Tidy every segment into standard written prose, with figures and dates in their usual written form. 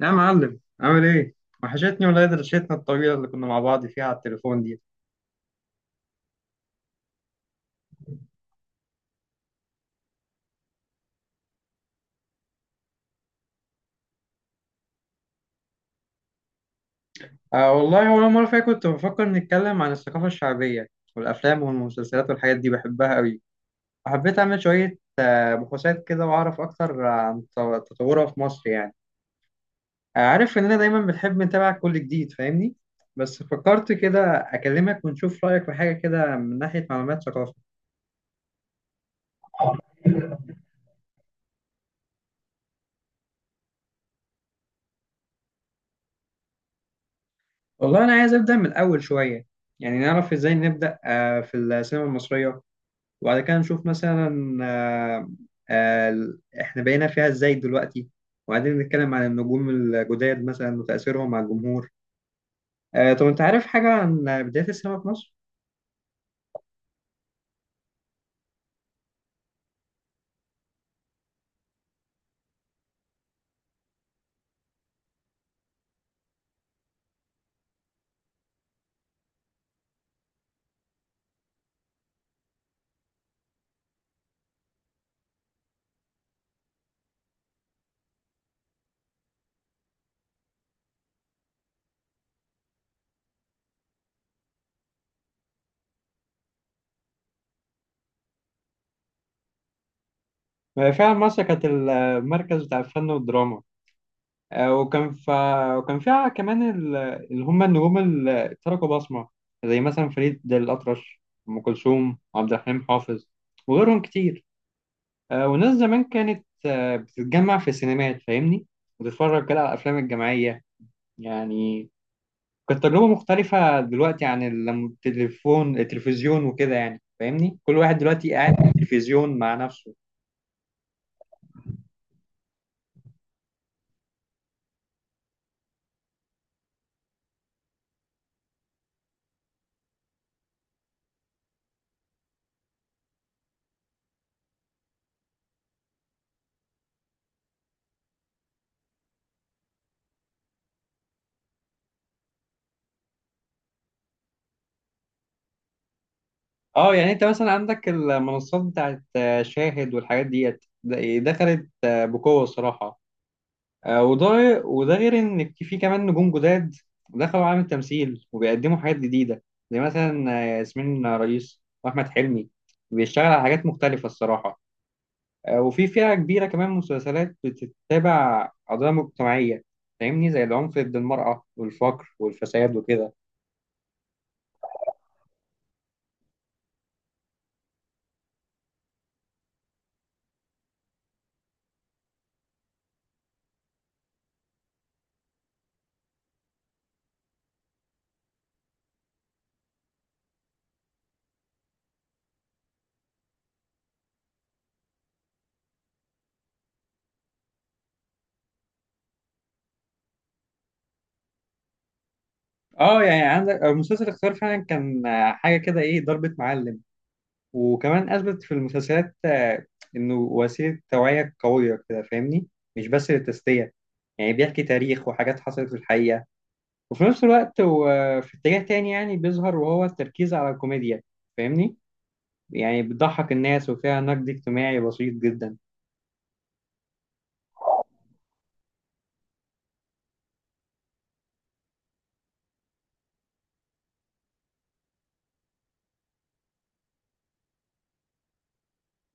يا معلم، عامل ايه؟ وحشتني، ولا درشتنا الطويلة اللي كنا مع بعض فيها على التليفون دي. آه والله، أول مرة فيها كنت بفكر نتكلم عن الثقافة الشعبية والأفلام والمسلسلات والحاجات دي بحبها أوي. وحبيت أعمل شوية بحوثات كده وأعرف أكتر عن تطورها في مصر يعني. عارف إننا دايما بنحب نتابع كل جديد، فاهمني؟ بس فكرت كده أكلمك ونشوف رأيك في حاجة كده من ناحية معلومات ثقافة. والله أنا عايز أبدأ من الأول شوية، يعني نعرف إزاي نبدأ في السينما المصرية، وبعد كده نشوف مثلا احنا بقينا فيها ازاي دلوقتي، وبعدين نتكلم عن النجوم الجداد مثلا وتأثيرهم على الجمهور. طب انت عارف حاجة عن بداية السينما في مصر؟ فعلا مصر كانت المركز بتاع الفن والدراما، آه، وكان ف... وكان فيها كمان اللي هم النجوم اللي تركوا بصمة، زي مثلا فريد الأطرش، أم كلثوم، عبد الحليم حافظ، وغيرهم كتير. والناس زمان كانت بتتجمع في السينمات، فاهمني، وتتفرج كده على الأفلام الجماعية يعني. كانت تجربة مختلفة دلوقتي عن لما التليفون التلفزيون وكده، يعني فاهمني، كل واحد دلوقتي قاعد في التلفزيون مع نفسه. اه يعني انت مثلا عندك المنصات بتاعت شاهد والحاجات ديت دخلت بقوة الصراحة. وده وده غير ان في كمان نجوم جداد دخلوا عالم التمثيل وبيقدموا حاجات جديده، زي مثلا ياسمين رئيس واحمد حلمي بيشتغل على حاجات مختلفه الصراحه. وفي فئه كبيره كمان مسلسلات بتتابع قضايا مجتمعيه، فاهمني، زي العنف ضد المراه والفقر والفساد وكده. اه يعني عندك مسلسل اختيار فعلا كان حاجه كده، ايه ضربة معلم. وكمان أثبت في المسلسلات إنه وسيلة توعية قوية كده، فاهمني، مش بس للتسلية، يعني بيحكي تاريخ وحاجات حصلت في الحقيقة. وفي نفس الوقت هو في اتجاه تاني يعني بيظهر، وهو التركيز على الكوميديا، فاهمني، يعني بتضحك الناس وفيها نقد اجتماعي بسيط جدا.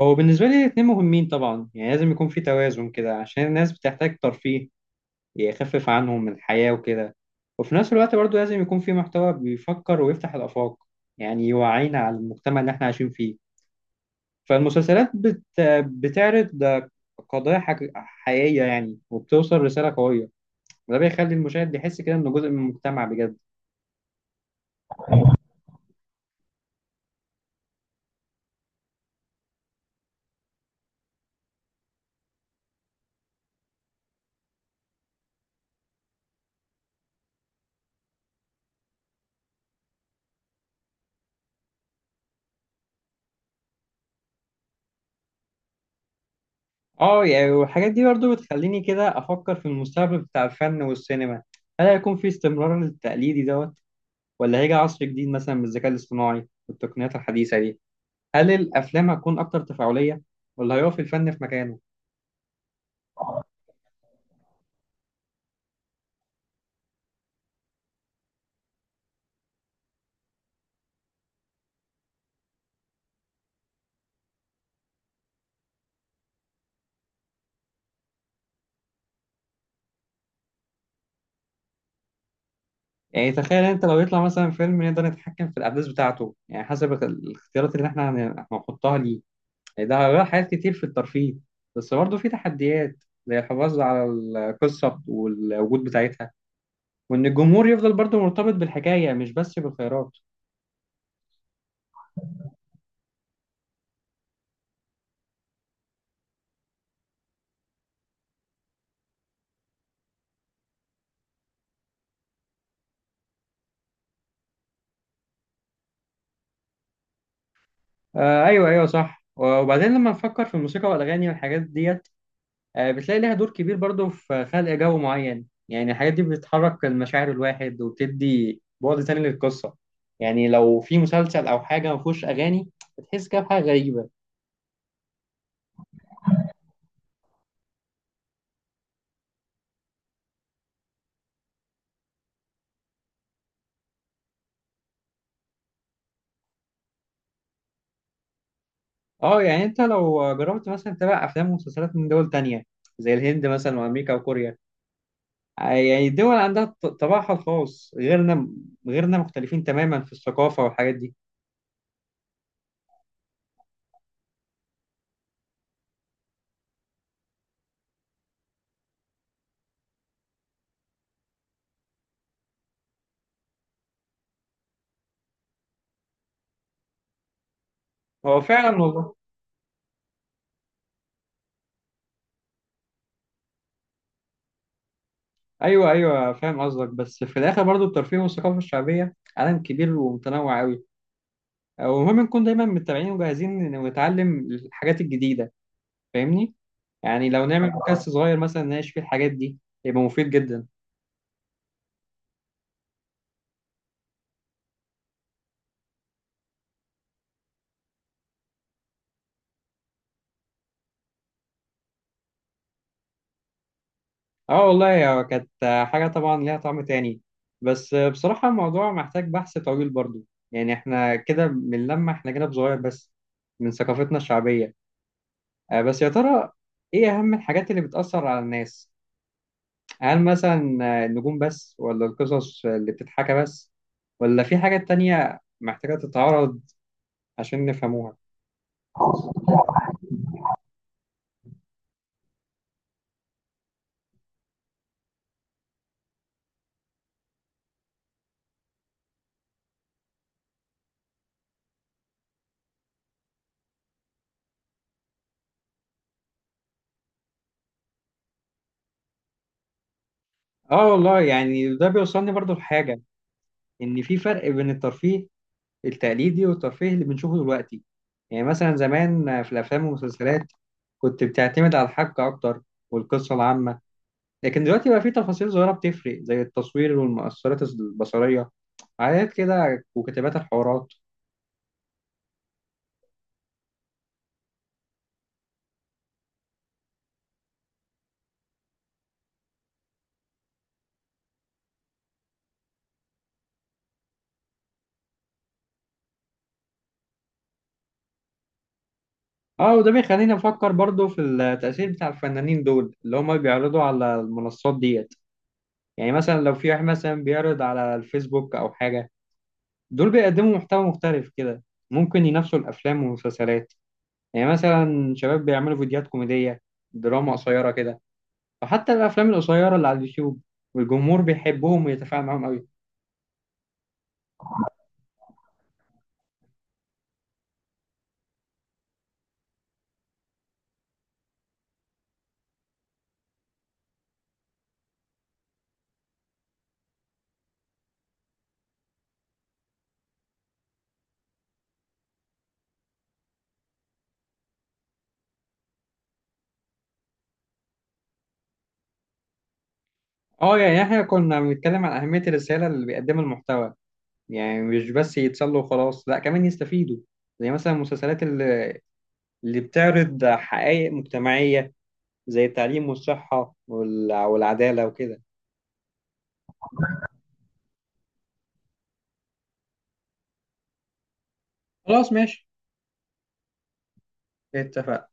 هو بالنسبة لي الاتنين مهمين طبعا، يعني لازم يكون في توازن كده عشان الناس بتحتاج ترفيه يخفف عنهم من الحياة وكده. وفي نفس الوقت برضو لازم يكون في محتوى بيفكر ويفتح الآفاق، يعني يوعينا على المجتمع اللي احنا عايشين فيه. فالمسلسلات بت... بتعرض حقيقية يعني، وبتوصل رسالة قوية، وده بيخلي المشاهد يحس كده إنه جزء من المجتمع بجد. اه يعني، والحاجات دي برضو بتخليني كده أفكر في المستقبل بتاع الفن والسينما. هل هيكون في استمرار للتقليدي دوت، ولا هيجي عصر جديد مثلا بالذكاء الاصطناعي والتقنيات الحديثة دي؟ هل الافلام هتكون اكتر تفاعليه، ولا هيقف الفن في مكانه؟ يعني تخيل انت لو يطلع مثلا فيلم نقدر نتحكم في الاحداث بتاعته، يعني حسب الاختيارات اللي احنا هنحطها ليه. يعني ده هيغير حاجات كتير في الترفيه، بس برضه في تحديات زي الحفاظ على القصه والوجود بتاعتها، وان الجمهور يفضل برضه مرتبط بالحكايه مش بس بالخيارات. آه ايوه، ايوه صح. وبعدين لما نفكر في الموسيقى والاغاني والحاجات ديت، بتلاقي ليها دور كبير برضو في خلق جو معين، يعني الحاجات دي بتحرك المشاعر الواحد وبتدي بعد تاني للقصة. يعني لو في مسلسل أو حاجة ما فيهوش أغاني، بتحس كده بحاجة غريبة. اه يعني انت لو جربت مثلا تتابع أفلام ومسلسلات من دول تانية، زي الهند مثلا وأمريكا وكوريا، يعني الدول عندها طباعها الخاص غيرنا، غيرنا مختلفين تماما في الثقافة والحاجات دي. هو فعلا والله. أيوه أيوه، فاهم قصدك، بس في الآخر برضو الترفيه والثقافة الشعبية عالم كبير ومتنوع أوي، ومهم نكون دايما متابعين وجاهزين ونتعلم الحاجات الجديدة، فاهمني. يعني لو نعمل بودكاست صغير مثلا نناقش فيه الحاجات دي، يبقى مفيد جدا. اه والله، هو كانت حاجة طبعا ليها طعم تاني. بس بصراحة الموضوع محتاج بحث طويل برضو، يعني احنا كده بنلمح احنا جانب صغير بس من ثقافتنا الشعبية. بس يا ترى ايه اهم الحاجات اللي بتأثر على الناس؟ هل مثلا النجوم بس، ولا القصص اللي بتتحكى بس، ولا في حاجات تانية محتاجة تتعرض عشان نفهموها؟ اه والله، يعني ده بيوصلني برضو لحاجة، ان في فرق بين الترفيه التقليدي والترفيه اللي بنشوفه دلوقتي. يعني مثلا زمان في الافلام والمسلسلات كنت بتعتمد على الحبكة اكتر والقصة العامة، لكن دلوقتي بقى في تفاصيل صغيرة بتفرق زي التصوير والمؤثرات البصرية، حاجات كده وكتابات الحوارات. اه، وده بيخليني افكر برضو في التأثير بتاع الفنانين دول اللي هم بيعرضوا على المنصات ديت. يعني مثلا لو في واحد مثلا بيعرض على الفيسبوك او حاجة، دول بيقدموا محتوى مختلف كده، ممكن ينافسوا الافلام والمسلسلات. يعني مثلا شباب بيعملوا فيديوهات كوميديه، دراما قصيره كده. فحتى الافلام القصيره اللي على اليوتيوب، والجمهور بيحبهم ويتفاعل معاهم قوي. اه يعني احنا كنا بنتكلم عن اهميه الرساله اللي بيقدمها المحتوى، يعني مش بس يتسلوا وخلاص، لا كمان يستفيدوا، زي مثلا المسلسلات اللي بتعرض حقائق مجتمعيه زي التعليم والصحه والعداله وكده. خلاص ماشي، اتفقنا.